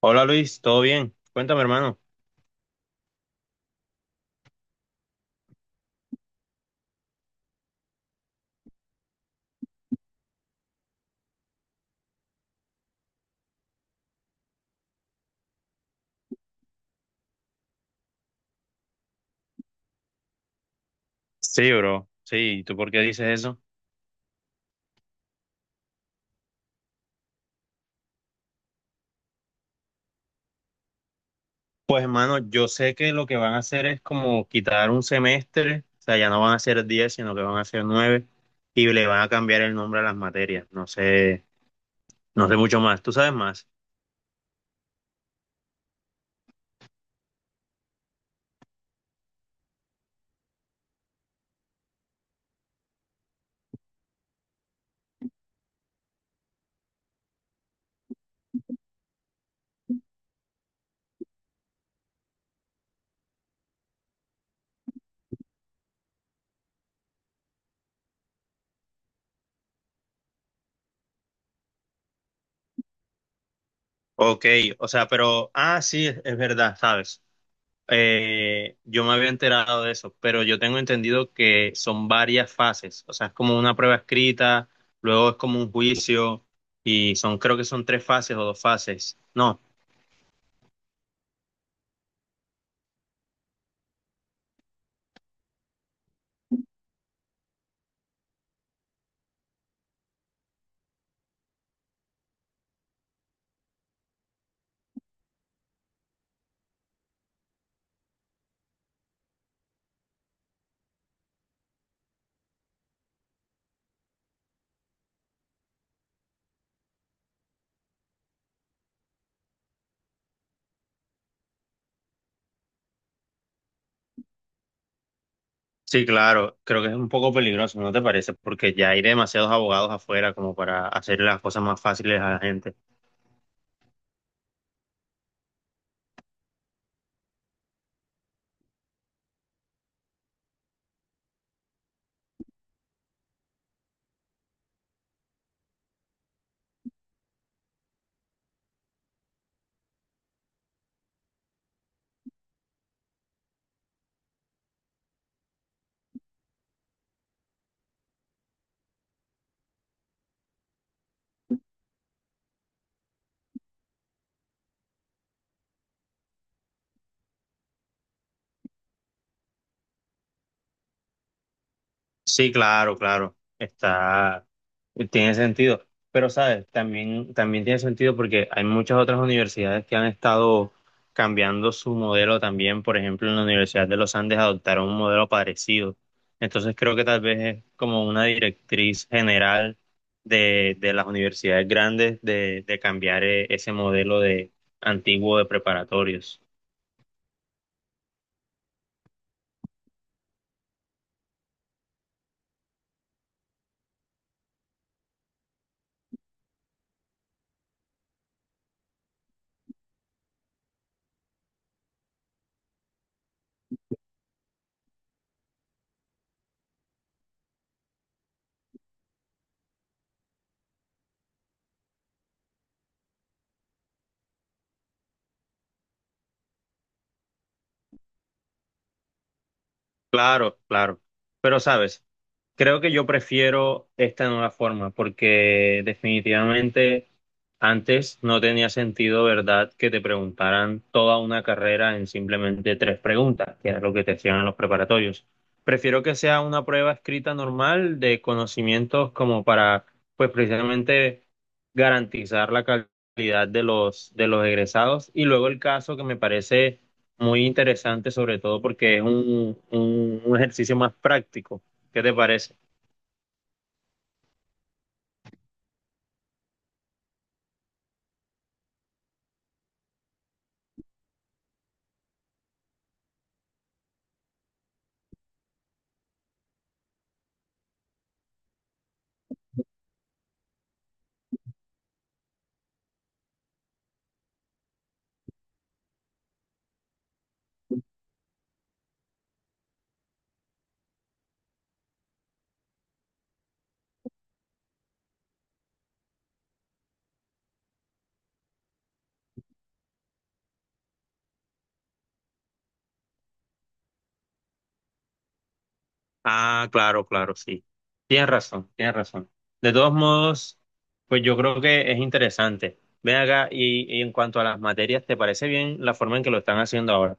Hola Luis, ¿todo bien? Cuéntame, hermano. Sí, bro. Sí, ¿y tú por qué dices eso? Pues, hermano, yo sé que lo que van a hacer es como quitar un semestre, o sea, ya no van a ser 10 sino que van a ser 9 y le van a cambiar el nombre a las materias. No sé, no sé mucho más. ¿Tú sabes más? Ok, o sea, pero, ah, sí, es verdad, ¿sabes? Yo me había enterado de eso, pero yo tengo entendido que son varias fases, o sea, es como una prueba escrita, luego es como un juicio y son, creo que son tres fases o dos fases. No, sí, claro, creo que es un poco peligroso, ¿no te parece? Porque ya hay demasiados abogados afuera como para hacer las cosas más fáciles a la gente. Sí, claro, claro. Está, tiene sentido. Pero, ¿sabes? También, también tiene sentido porque hay muchas otras universidades que han estado cambiando su modelo también. Por ejemplo, en la Universidad de los Andes adoptaron un modelo parecido. Entonces, creo que tal vez es como una directriz general de las universidades grandes de cambiar ese modelo de antiguo de preparatorios. Claro, claro. Pero, ¿sabes? Creo que yo prefiero esta nueva forma porque definitivamente antes no tenía sentido, ¿verdad?, que te preguntaran toda una carrera en simplemente tres preguntas, que era lo que te hacían en los preparatorios. Prefiero que sea una prueba escrita normal de conocimientos como para, pues precisamente garantizar la calidad de los egresados. Y luego el caso que me parece muy interesante, sobre todo porque es un, un ejercicio más práctico. ¿Qué te parece? Ah, claro, claro, sí. Tienes razón, tienes razón. De todos modos, pues yo creo que es interesante. Ven acá, y en cuanto a las materias, ¿te parece bien la forma en que lo están haciendo ahora?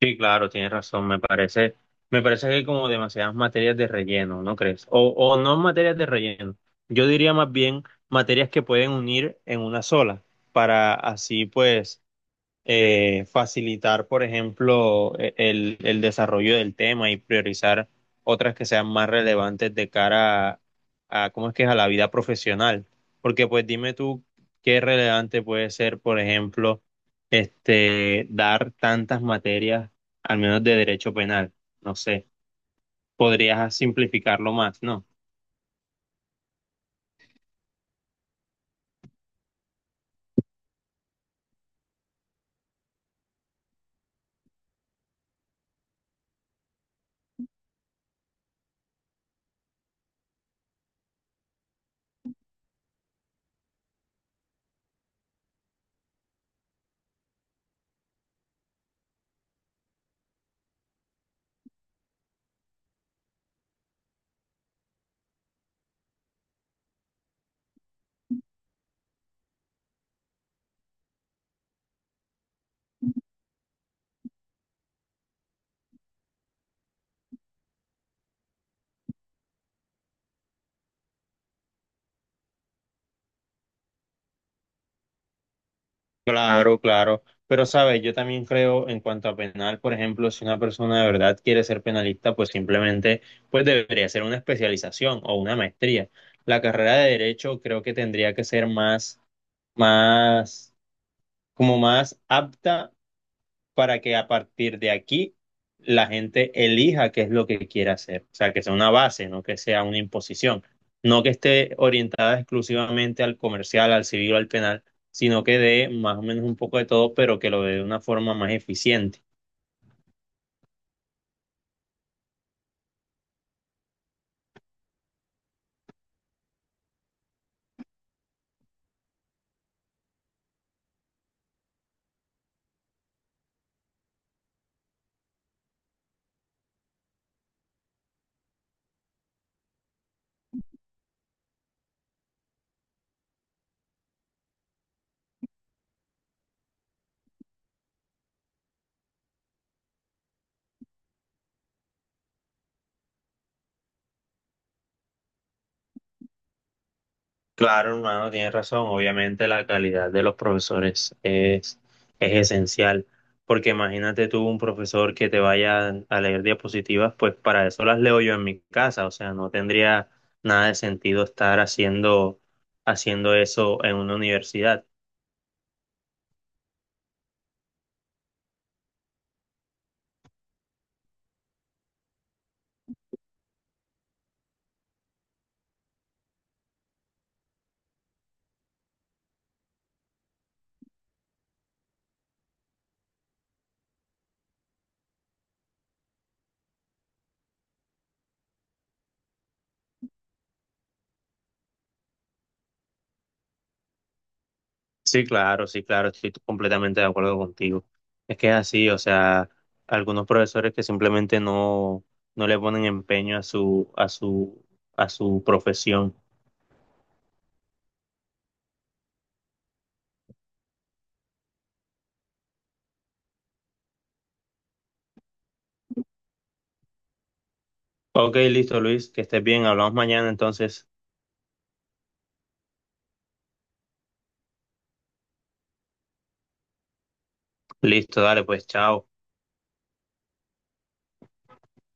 Sí, claro, tienes razón. Me parece que hay como demasiadas materias de relleno, ¿no crees? O no materias de relleno. Yo diría más bien materias que pueden unir en una sola, para así pues facilitar, por ejemplo, el desarrollo del tema y priorizar otras que sean más relevantes de cara a, ¿cómo es que es?, a la vida profesional. Porque pues dime tú qué relevante puede ser, por ejemplo, este, dar tantas materias, al menos de derecho penal. No sé, podrías simplificarlo más, ¿no? Claro, claro. Pero, sabes, yo también creo en cuanto a penal, por ejemplo, si una persona de verdad quiere ser penalista, pues simplemente pues debería ser una especialización o una maestría. La carrera de derecho creo que tendría que ser más, más, como más apta para que a partir de aquí la gente elija qué es lo que quiere hacer. O sea, que sea una base, no que sea una imposición. No que esté orientada exclusivamente al comercial, al civil o al penal, sino que dé más o menos un poco de todo, pero que lo dé de una forma más eficiente. Claro, hermano, tienes razón. Obviamente la calidad de los profesores es esencial, porque imagínate tú un profesor que te vaya a leer diapositivas, pues para eso las leo yo en mi casa, o sea, no tendría nada de sentido estar haciendo, haciendo eso en una universidad. Sí, claro, sí, claro, estoy completamente de acuerdo contigo. Es que es así, o sea, algunos profesores que simplemente no, no le ponen empeño a su, a su, a su profesión. Ok, listo, Luis, que estés bien, hablamos mañana entonces. Listo, dale, pues, chao.